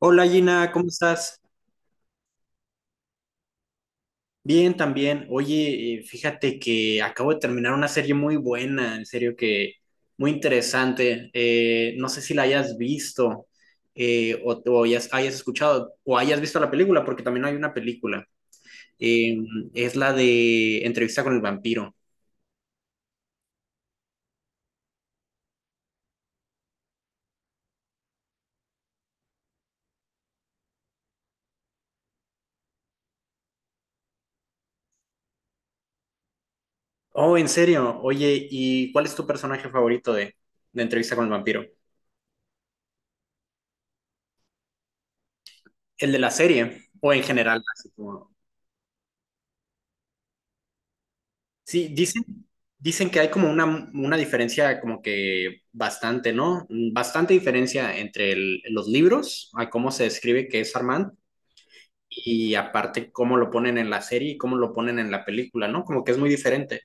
Hola Gina, ¿cómo estás? Bien, también. Oye, fíjate que acabo de terminar una serie muy buena, en serio que muy interesante. No sé si la hayas visto o hayas escuchado o hayas visto la película, porque también hay una película. Eh, es la de Entrevista con el vampiro. Oh, en serio. Oye, ¿y cuál es tu personaje favorito de Entrevista con el vampiro? ¿El de la serie o en general? Así como, sí, dicen que hay como una diferencia como que bastante, ¿no? Bastante diferencia entre los libros, a cómo se describe que es Armand, y aparte cómo lo ponen en la serie y cómo lo ponen en la película, ¿no? Como que es muy diferente.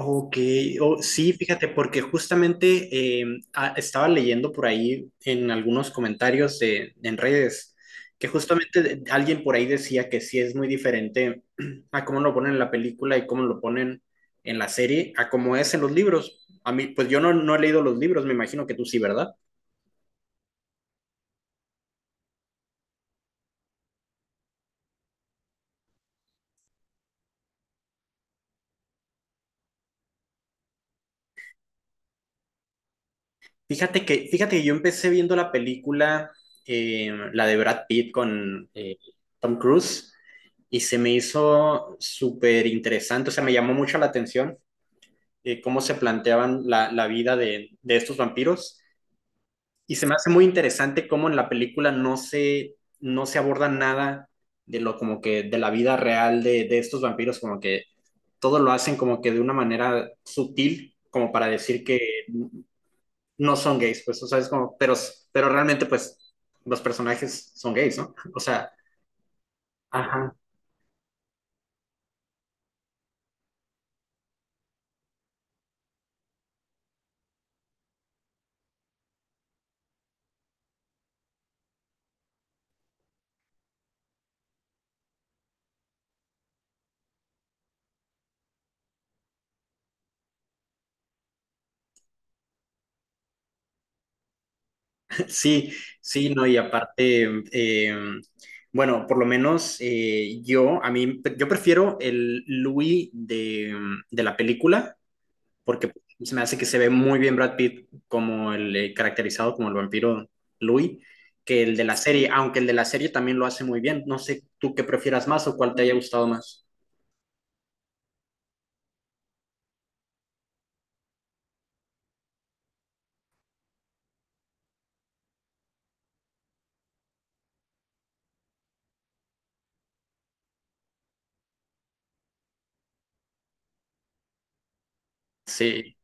Ok, oh, sí, fíjate, porque justamente eh, estaba leyendo por ahí en algunos comentarios de, en redes que justamente alguien por ahí decía que sí es muy diferente a cómo lo ponen en la película y cómo lo ponen en la serie a cómo es en los libros. A mí, pues yo no, no he leído los libros, me imagino que tú sí, ¿verdad? Fíjate que yo empecé viendo la película, la de Brad Pitt con Tom Cruise, y se me hizo súper interesante, o sea, me llamó mucho la atención, cómo se planteaban la vida de estos vampiros, y se me hace muy interesante cómo en la película no se, no se aborda nada de lo como que de la vida real de estos vampiros, como que todo lo hacen como que de una manera sutil, como para decir que no son gays, pues, o sea, es como, pero realmente, pues, los personajes son gays, ¿no? O sea, ajá, sí, sí, no, y aparte, bueno, por lo menos yo, a mí, yo prefiero el Louis de la película, porque se me hace que se ve muy bien Brad Pitt como el caracterizado como el vampiro Louis, que el de la serie, aunque el de la serie también lo hace muy bien. No sé tú qué prefieras más o cuál te haya gustado más. Sí.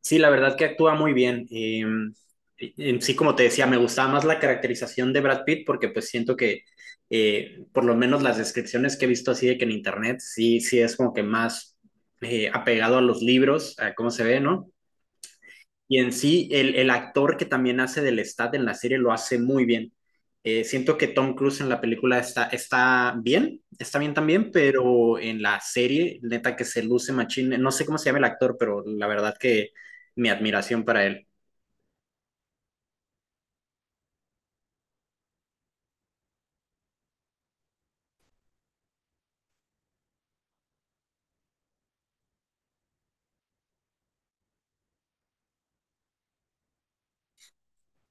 Sí, la verdad que actúa muy bien. En sí, como te decía, me gustaba más la caracterización de Brad Pitt porque pues siento que por lo menos las descripciones que he visto así de que en internet sí, sí es como que más apegado a los libros, a cómo se ve, ¿no? Y en sí, el actor que también hace del Stat en la serie lo hace muy bien. Siento que Tom Cruise en la película está, está bien también, pero en la serie, neta que se luce machín. No sé cómo se llama el actor, pero la verdad que mi admiración para él.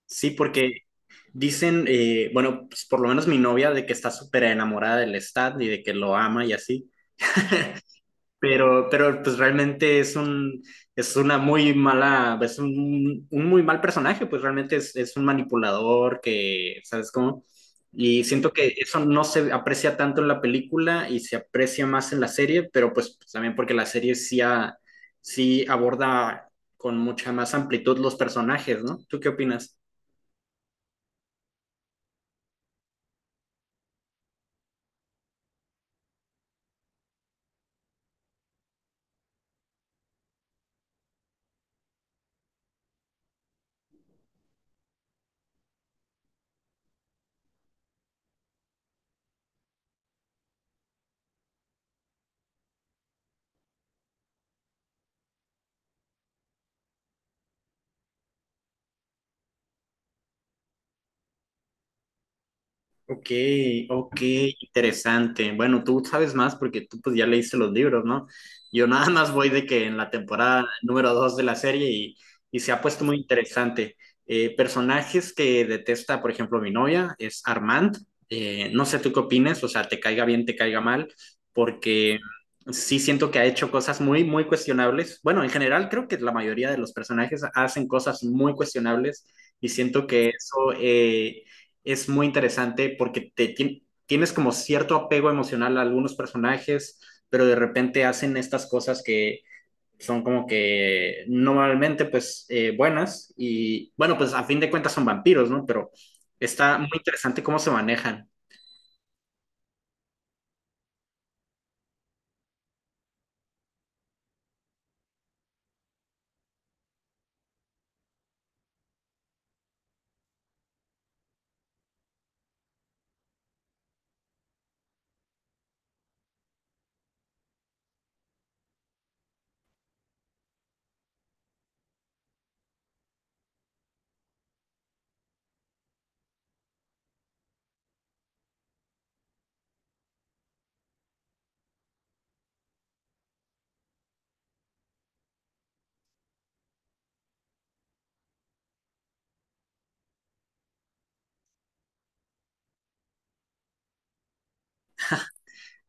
Sí, porque dicen, bueno, pues por lo menos mi novia, de que está súper enamorada del Stat y de que lo ama y así. Pero pues realmente es un, es una muy mala, es un muy mal personaje, pues realmente es un manipulador que, ¿sabes cómo? Y siento que eso no se aprecia tanto en la película y se aprecia más en la serie, pero pues, pues, también porque la serie sí, sí aborda con mucha más amplitud los personajes, ¿no? ¿Tú qué opinas? Ok, ok, interesante. Bueno, tú sabes más porque tú pues ya leíste los libros, ¿no? Yo nada más voy de que en la temporada número 2 de la serie y se ha puesto muy interesante. Personajes que detesta, por ejemplo, mi novia es Armand. No sé tú qué opines, o sea, te caiga bien, te caiga mal, porque sí siento que ha hecho cosas muy, muy cuestionables. Bueno, en general creo que la mayoría de los personajes hacen cosas muy cuestionables y siento que eso... es muy interesante porque te, tienes como cierto apego emocional a algunos personajes, pero de repente hacen estas cosas que son como que normalmente pues buenas y bueno, pues a fin de cuentas son vampiros, ¿no? Pero está muy interesante cómo se manejan.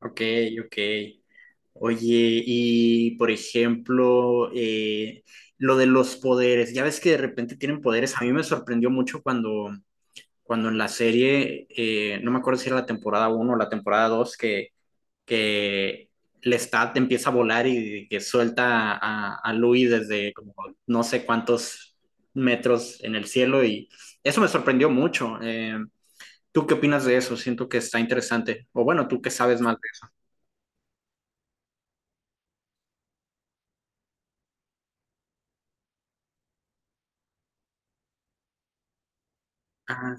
Ok, ok. Oye, y por ejemplo, lo de los poderes, ya ves que de repente tienen poderes, a mí me sorprendió mucho cuando cuando en la serie, no me acuerdo si era la temporada uno o la temporada 2 que Lestat empieza a volar y que suelta a Louis desde como no sé cuántos metros en el cielo y eso me sorprendió mucho. ¿Tú qué opinas de eso? Siento que está interesante. O bueno, tú que sabes más de... Ah,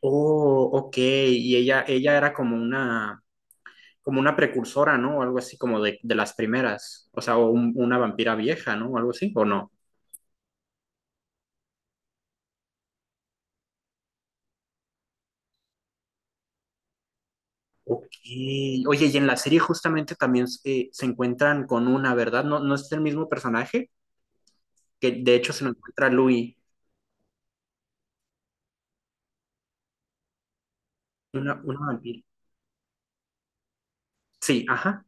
oh, ok. Y ella era como una precursora, ¿no? O algo así como de las primeras. O sea, o una vampira vieja, ¿no? O algo así, ¿o no? Ok. Oye, y en la serie justamente también se encuentran con una, ¿verdad? No, no es el mismo personaje, que de hecho se lo encuentra Louis, una vampira. Sí, ajá.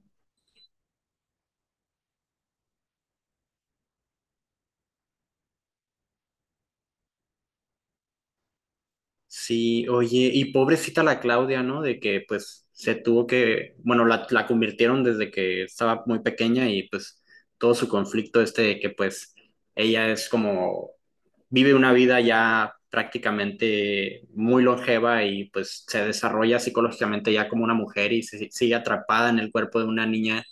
Sí, oye, y pobrecita la Claudia, ¿no? De que pues se tuvo que, bueno, la convirtieron desde que estaba muy pequeña y pues todo su conflicto este de que pues ella es como, vive una vida ya prácticamente muy longeva y pues se desarrolla psicológicamente ya como una mujer y se sigue atrapada en el cuerpo de una niña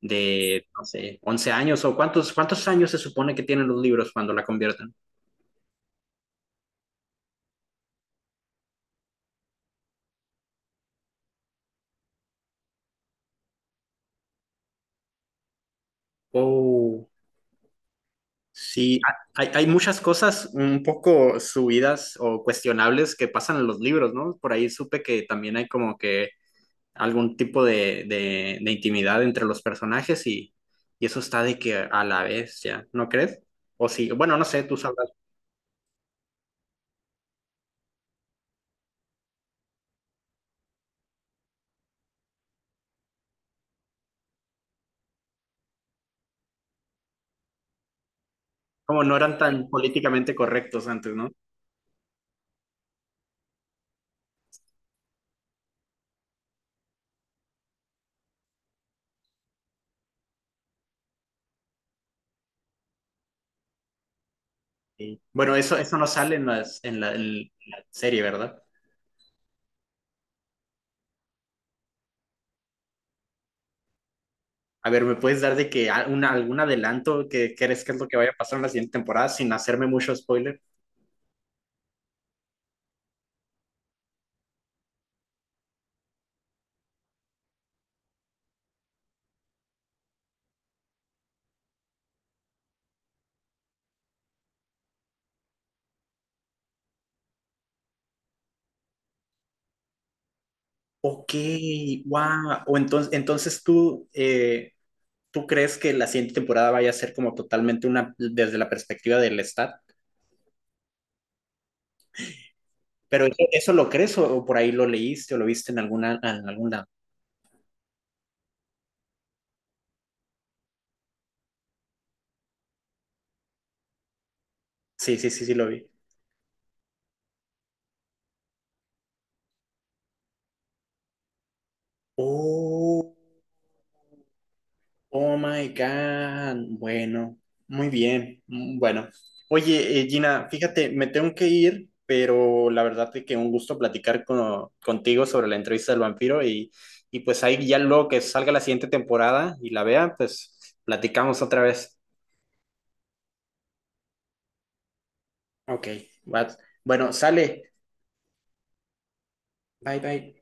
de, no sé, 11 años o cuántos, cuántos años se supone que tienen los libros cuando la convierten. Oh. Sí, hay, hay muchas cosas un poco subidas o cuestionables que pasan en los libros, ¿no? Por ahí supe que también hay como que algún tipo de intimidad entre los personajes y eso está de que a la vez, ¿ya? ¿No crees? O sí, bueno, no sé, tú sabrás, como no eran tan políticamente correctos antes, ¿no? Sí. Bueno, eso no sale en las, en la serie, ¿verdad? A ver, ¿me puedes dar de que algún adelanto que crees que es lo que vaya a pasar en la siguiente temporada sin hacerme mucho spoiler? Ok, wow. O entonces, entonces tú, ¿tú crees que la siguiente temporada vaya a ser como totalmente una desde la perspectiva del Stat? ¿Pero eso lo crees o por ahí lo leíste o lo viste en alguna, en algún lado? Sí, sí, sí, sí, lo vi. Oh. Oh my God. Bueno, muy bien. Bueno, oye, Gina, fíjate, me tengo que ir, pero la verdad es que un gusto platicar con contigo sobre la entrevista del vampiro y pues ahí ya luego que salga la siguiente temporada y la vea, pues platicamos otra vez. Ok, va. Bueno, sale. Bye, bye.